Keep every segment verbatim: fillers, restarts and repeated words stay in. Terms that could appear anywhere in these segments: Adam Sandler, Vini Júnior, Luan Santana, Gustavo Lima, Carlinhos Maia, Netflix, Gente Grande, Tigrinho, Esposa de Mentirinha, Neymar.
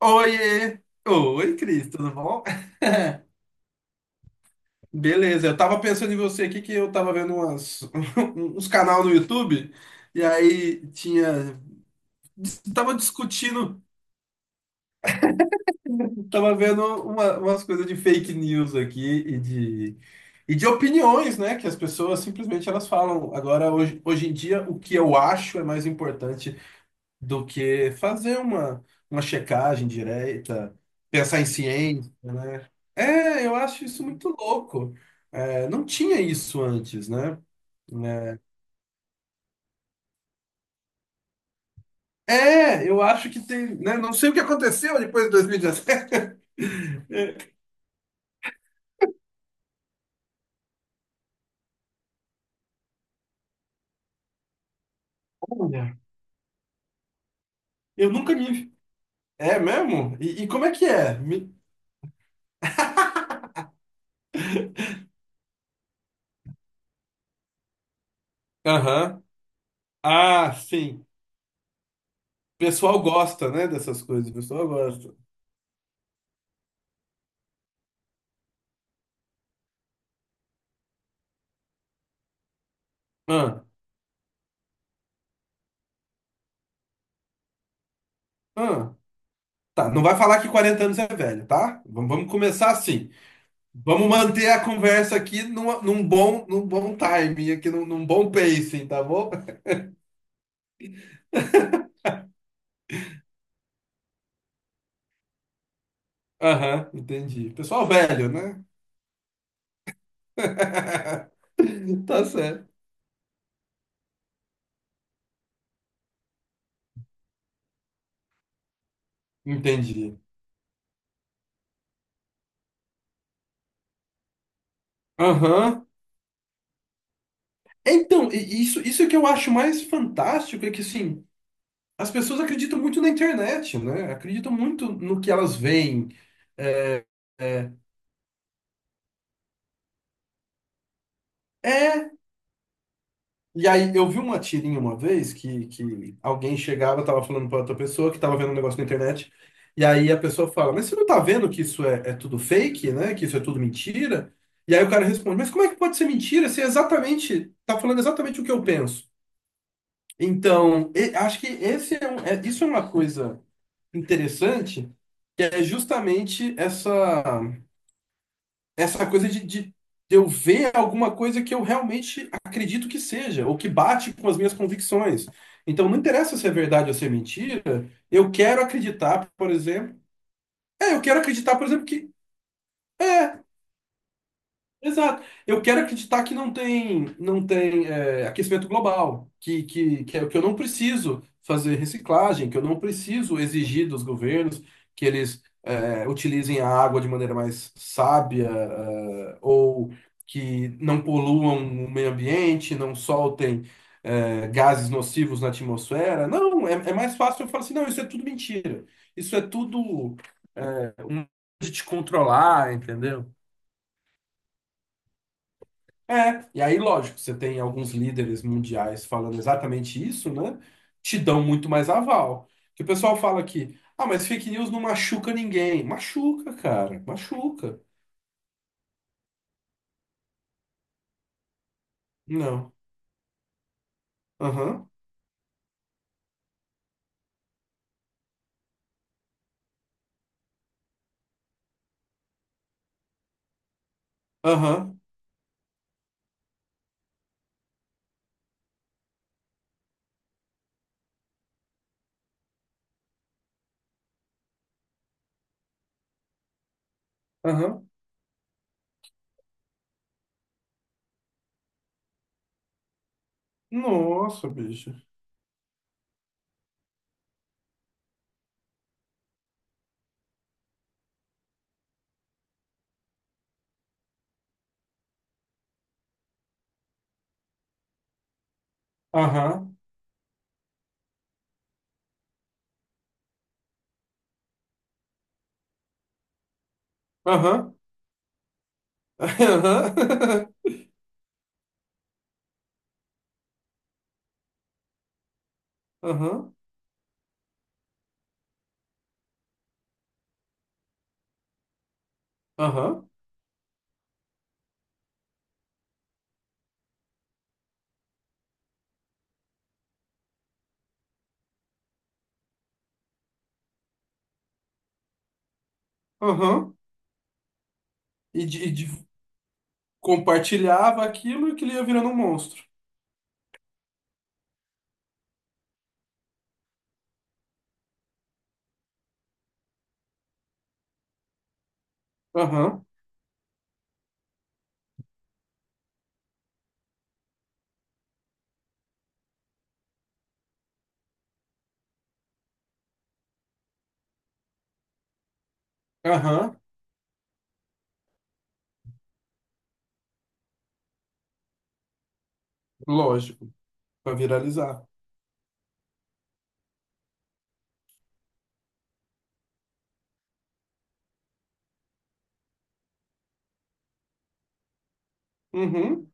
Oiê! Oi, Cris, tudo bom? Beleza, eu tava pensando em você aqui que eu tava vendo umas, uns canal no YouTube e aí tinha. Tava discutindo, tava vendo uma- umas coisas de fake news aqui e de, e de opiniões, né? Que as pessoas simplesmente elas falam. Agora, hoje, hoje em dia, o que eu acho é mais importante do que fazer uma, uma checagem direta, pensar em ciência, né? É, eu acho isso muito louco. É, não tinha isso antes, né? É, é, eu acho que tem, né? Não sei o que aconteceu depois de dois mil e dezessete. É, olha, eu nunca me. É mesmo? E, e como é que é? Me- Aham. Ah, sim. O pessoal gosta, né, dessas coisas. O pessoal gosta. Ah, ah. Tá, não vai falar que quarenta anos é velho, tá? Vamos vamos começar assim. Vamos manter a conversa aqui num, num bom, num bom timing, aqui num, num bom pacing, tá bom? Aham, entendi. Pessoal velho, né? Tá certo. Entendi. Aham. Então, e- isso, isso é que eu acho mais fantástico, é que, assim, as pessoas acreditam muito na internet, né? Acreditam muito no que elas veem. É, é, é. E aí, eu vi uma tirinha uma vez que, que alguém chegava, tava falando pra outra pessoa que tava vendo um negócio na internet, e aí a pessoa fala, mas você não tá vendo que isso é, é tudo fake, né? Que isso é tudo mentira? E aí o cara responde, mas como é que pode ser mentira se é exatamente, tá falando exatamente o que eu penso? Então, e- acho que esse é, um- é- isso é uma coisa interessante, que é justamente essa essa coisa de, de de eu ver alguma coisa que eu realmente acredito que seja, ou que bate com as minhas convicções. Então, não interessa se é verdade ou se é mentira, eu quero acreditar, por exemplo. É, eu quero acreditar, por exemplo, que. Exato. Eu quero acreditar que não tem, não tem é, aquecimento global, que, que, que, eu que eu não preciso fazer reciclagem, que eu não preciso exigir dos governos que eles é, utilizem a água de maneira mais sábia, é, ou que não poluam o meio ambiente, não soltem é, gases nocivos na atmosfera. Não, é, é mais fácil eu falar assim, não, isso é tudo mentira. Isso é tudo é, um modo de te controlar, entendeu? É, e aí, lógico, você tem alguns líderes mundiais falando exatamente isso, né? Te dão muito mais aval. Que o pessoal fala que, ah, mas fake news não machuca ninguém. Machuca, cara, machuca. Não. Aham, aham, aham. Nossa, bicho. Aham, aham, aham, aham, aham, aham. E de, e de- compartilhava aquilo e aquilo ia virando um monstro. Aham, aham, lógico, pra viralizar. Uhum.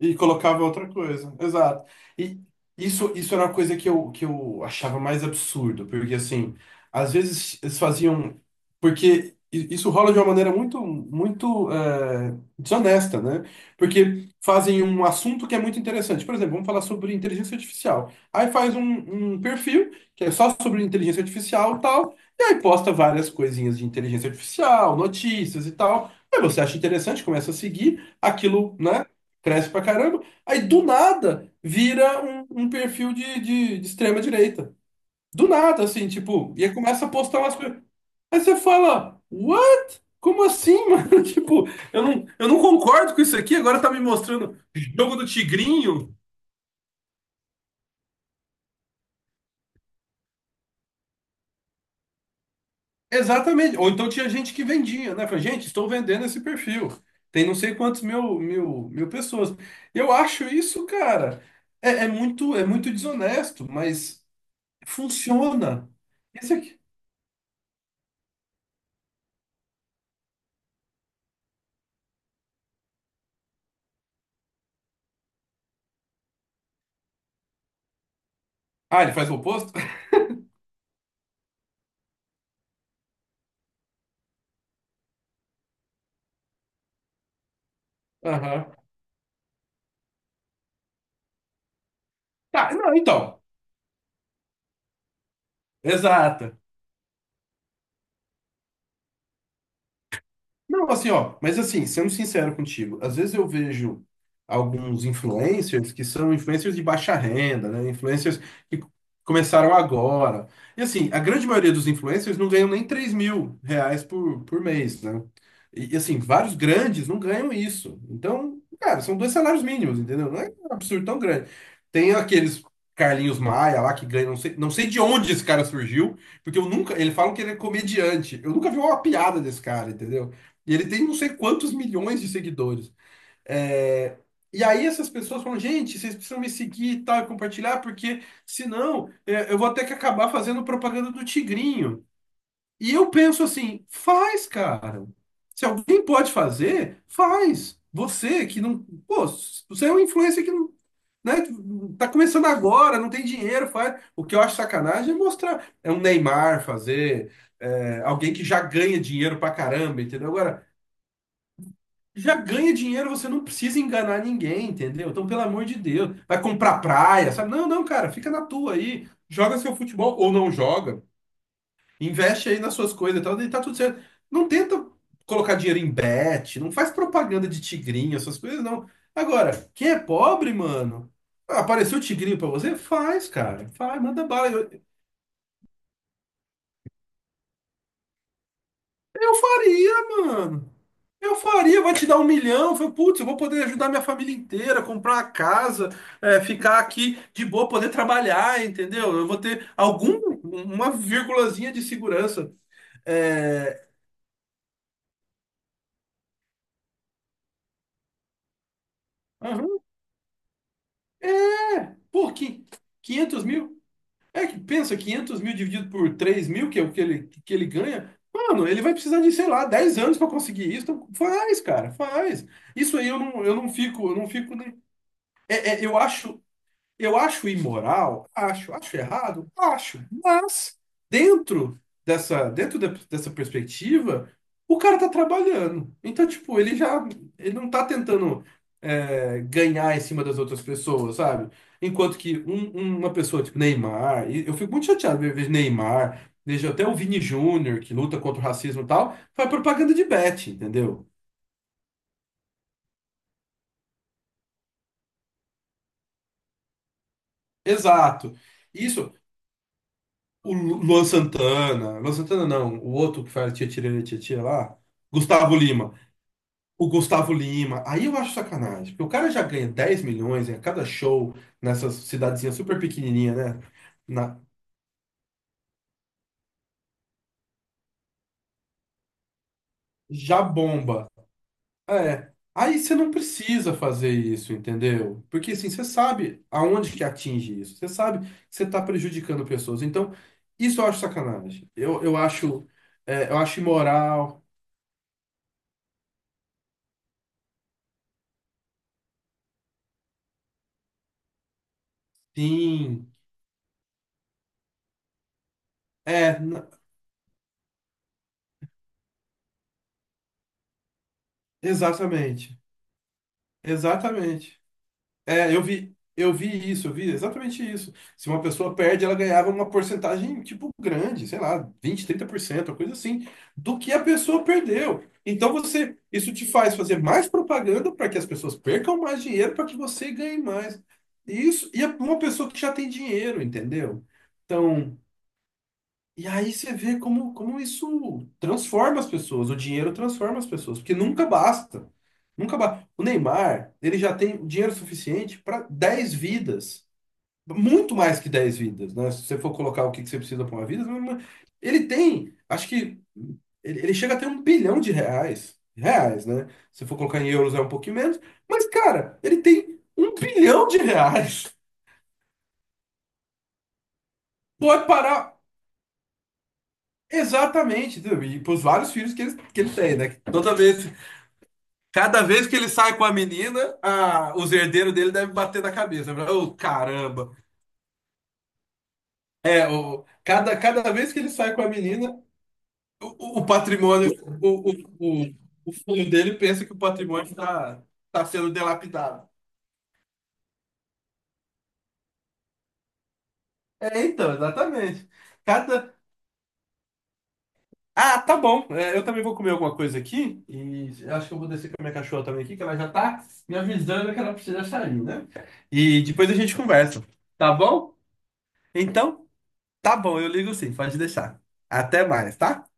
E colocava outra coisa, exato. E isso, isso era uma coisa que eu, que eu achava mais absurdo, porque assim, às vezes eles faziam. Porque i- isso rola de uma maneira muito, muito eh, desonesta, né? Porque fazem um assunto que é muito interessante. Por exemplo, vamos falar sobre inteligência artificial. Aí faz um, um perfil que é só sobre inteligência artificial e tal, e aí posta várias coisinhas de inteligência artificial, notícias e tal. Aí você acha interessante, começa a seguir aquilo, né? Cresce pra caramba. Aí do nada vira um, um perfil de, de, de extrema direita. Do nada, assim, tipo, e aí começa a postar umas coisas. Aí você fala, what? Como assim, mano? Tipo, eu não, eu não concordo com isso aqui, agora tá me mostrando jogo do Tigrinho. Exatamente. Ou então tinha gente que vendia, né? Falei, gente, estou vendendo esse perfil. Tem não sei quantos mil, mil, mil pessoas. Eu acho isso, cara, é, é muito, é muito desonesto, mas funciona. Isso. Ah, ele faz o oposto? Aham. Tá, não, então. Exato. Não, assim, ó, mas assim, sendo sincero contigo, às vezes eu vejo alguns influencers que são influencers de baixa renda, né? Influencers que começaram agora. E assim, a grande maioria dos influencers não ganham nem três mil reais por, por mês, né? E e, assim, vários grandes não ganham isso. Então, cara, são dois salários mínimos, entendeu? Não é um absurdo tão grande. Tem aqueles Carlinhos Maia lá que ganha, não sei, não sei de onde esse cara surgiu, porque eu nunca, ele fala que ele é comediante. Eu nunca vi uma piada desse cara, entendeu? E ele tem não sei quantos milhões de seguidores. É. E aí essas pessoas falam, gente, vocês precisam me seguir e tal, e compartilhar, porque senão é, eu vou ter que acabar fazendo propaganda do Tigrinho. E eu penso assim, faz, cara. Se alguém pode fazer, faz. Você que não. Pô, você é um influencer que não. Né? Tá começando agora, não tem dinheiro, faz. O que eu acho sacanagem é mostrar. É um Neymar fazer, é, alguém que já ganha dinheiro pra caramba, entendeu? Agora, já ganha dinheiro, você não precisa enganar ninguém, entendeu? Então, pelo amor de Deus, vai comprar praia, sabe? Não, não, cara, fica na tua aí, joga seu futebol ou não joga, investe aí nas suas coisas e tal, e tá tudo certo. Não tenta colocar dinheiro em bet, não faz propaganda de tigrinho, essas coisas, não. Agora, quem é pobre, mano, apareceu tigrinho pra você? Faz, cara, faz, manda bala. Eu, eu faria, mano. Eu faria, vai te dar um milhão. Eu falei, putz, eu vou poder ajudar minha família inteira, comprar uma casa, é, ficar aqui de boa, poder trabalhar, entendeu? Eu vou ter algum, uma vírgulazinha de segurança. É, aham, é, pô, qui- quinhentos mil? É, que pensa, quinhentos mil dividido por três mil, que é o que ele, que ele ganha. Mano, ele vai precisar de, sei lá, dez anos para conseguir isso. Então faz, cara, faz. Isso aí eu não, eu não fico, eu não fico nem. É, é, eu acho, Eu acho imoral, acho, acho errado, acho, mas dentro dessa, dentro de- dessa perspectiva, o cara tá trabalhando. Então, tipo, ele já, ele não tá tentando é, ganhar em cima das outras pessoas, sabe? Enquanto que um- um- uma pessoa tipo Neymar, e eu fico muito chateado ver ver Neymar, vejo até o Vini Júnior, que luta contra o racismo e tal, faz propaganda de bet, entendeu? Exato. Isso. O Luan Santana, Luan Santana não, o outro que faz tia tirana tia tia lá, Gustavo Lima. O Gustavo Lima, aí eu acho sacanagem, porque o cara já ganha dez milhões em cada show nessas cidadezinha super pequenininha, né? Na, já bomba. É, aí você não precisa fazer isso, entendeu? Porque assim, você sabe aonde que atinge isso, você sabe que você está prejudicando pessoas. Então, isso eu acho sacanagem. Eu, eu acho, é, eu acho imoral, sim. É, exatamente, exatamente. É, eu vi, eu vi isso, eu vi exatamente isso. Se uma pessoa perde, ela ganhava uma porcentagem, tipo, grande, sei lá, vinte trinta por cento uma coisa assim, do que a pessoa perdeu. Então você, isso te faz fazer mais propaganda para que as pessoas percam mais dinheiro, para que você ganhe mais. E isso, e é uma pessoa que já tem dinheiro, entendeu? Então, e aí você vê como, como isso transforma as pessoas, o dinheiro transforma as pessoas, porque nunca basta. Nunca basta. O Neymar, ele já tem dinheiro suficiente para dez vidas, muito mais que dez vidas, né? Se você for colocar o que que você precisa para uma vida, mas- ele tem, acho que ele, ele chega a ter um bilhão de reais, reais, né? Se for colocar em euros é um pouquinho menos, mas cara, ele tem um bilhão de reais. Pode parar. Exatamente, entendeu? E pros vários filhos que ele, que ele tem, né? Toda vez, cada vez que ele sai com a menina, a, os herdeiros dele devem bater na cabeça. Oh, caramba! É, o, cada, cada vez que ele sai com a menina, o, o o patrimônio, o, o, o, o filho dele pensa que o patrimônio está tá tá sendo dilapidado. É, então, exatamente. Cada Ah, tá bom. É, eu também vou comer alguma coisa aqui. E acho que eu vou descer com a minha cachorra também aqui, que ela já tá me avisando que ela precisa sair, né? E depois a gente conversa. Tá bom? Então, tá bom, eu ligo sim, pode deixar. Até mais, tá?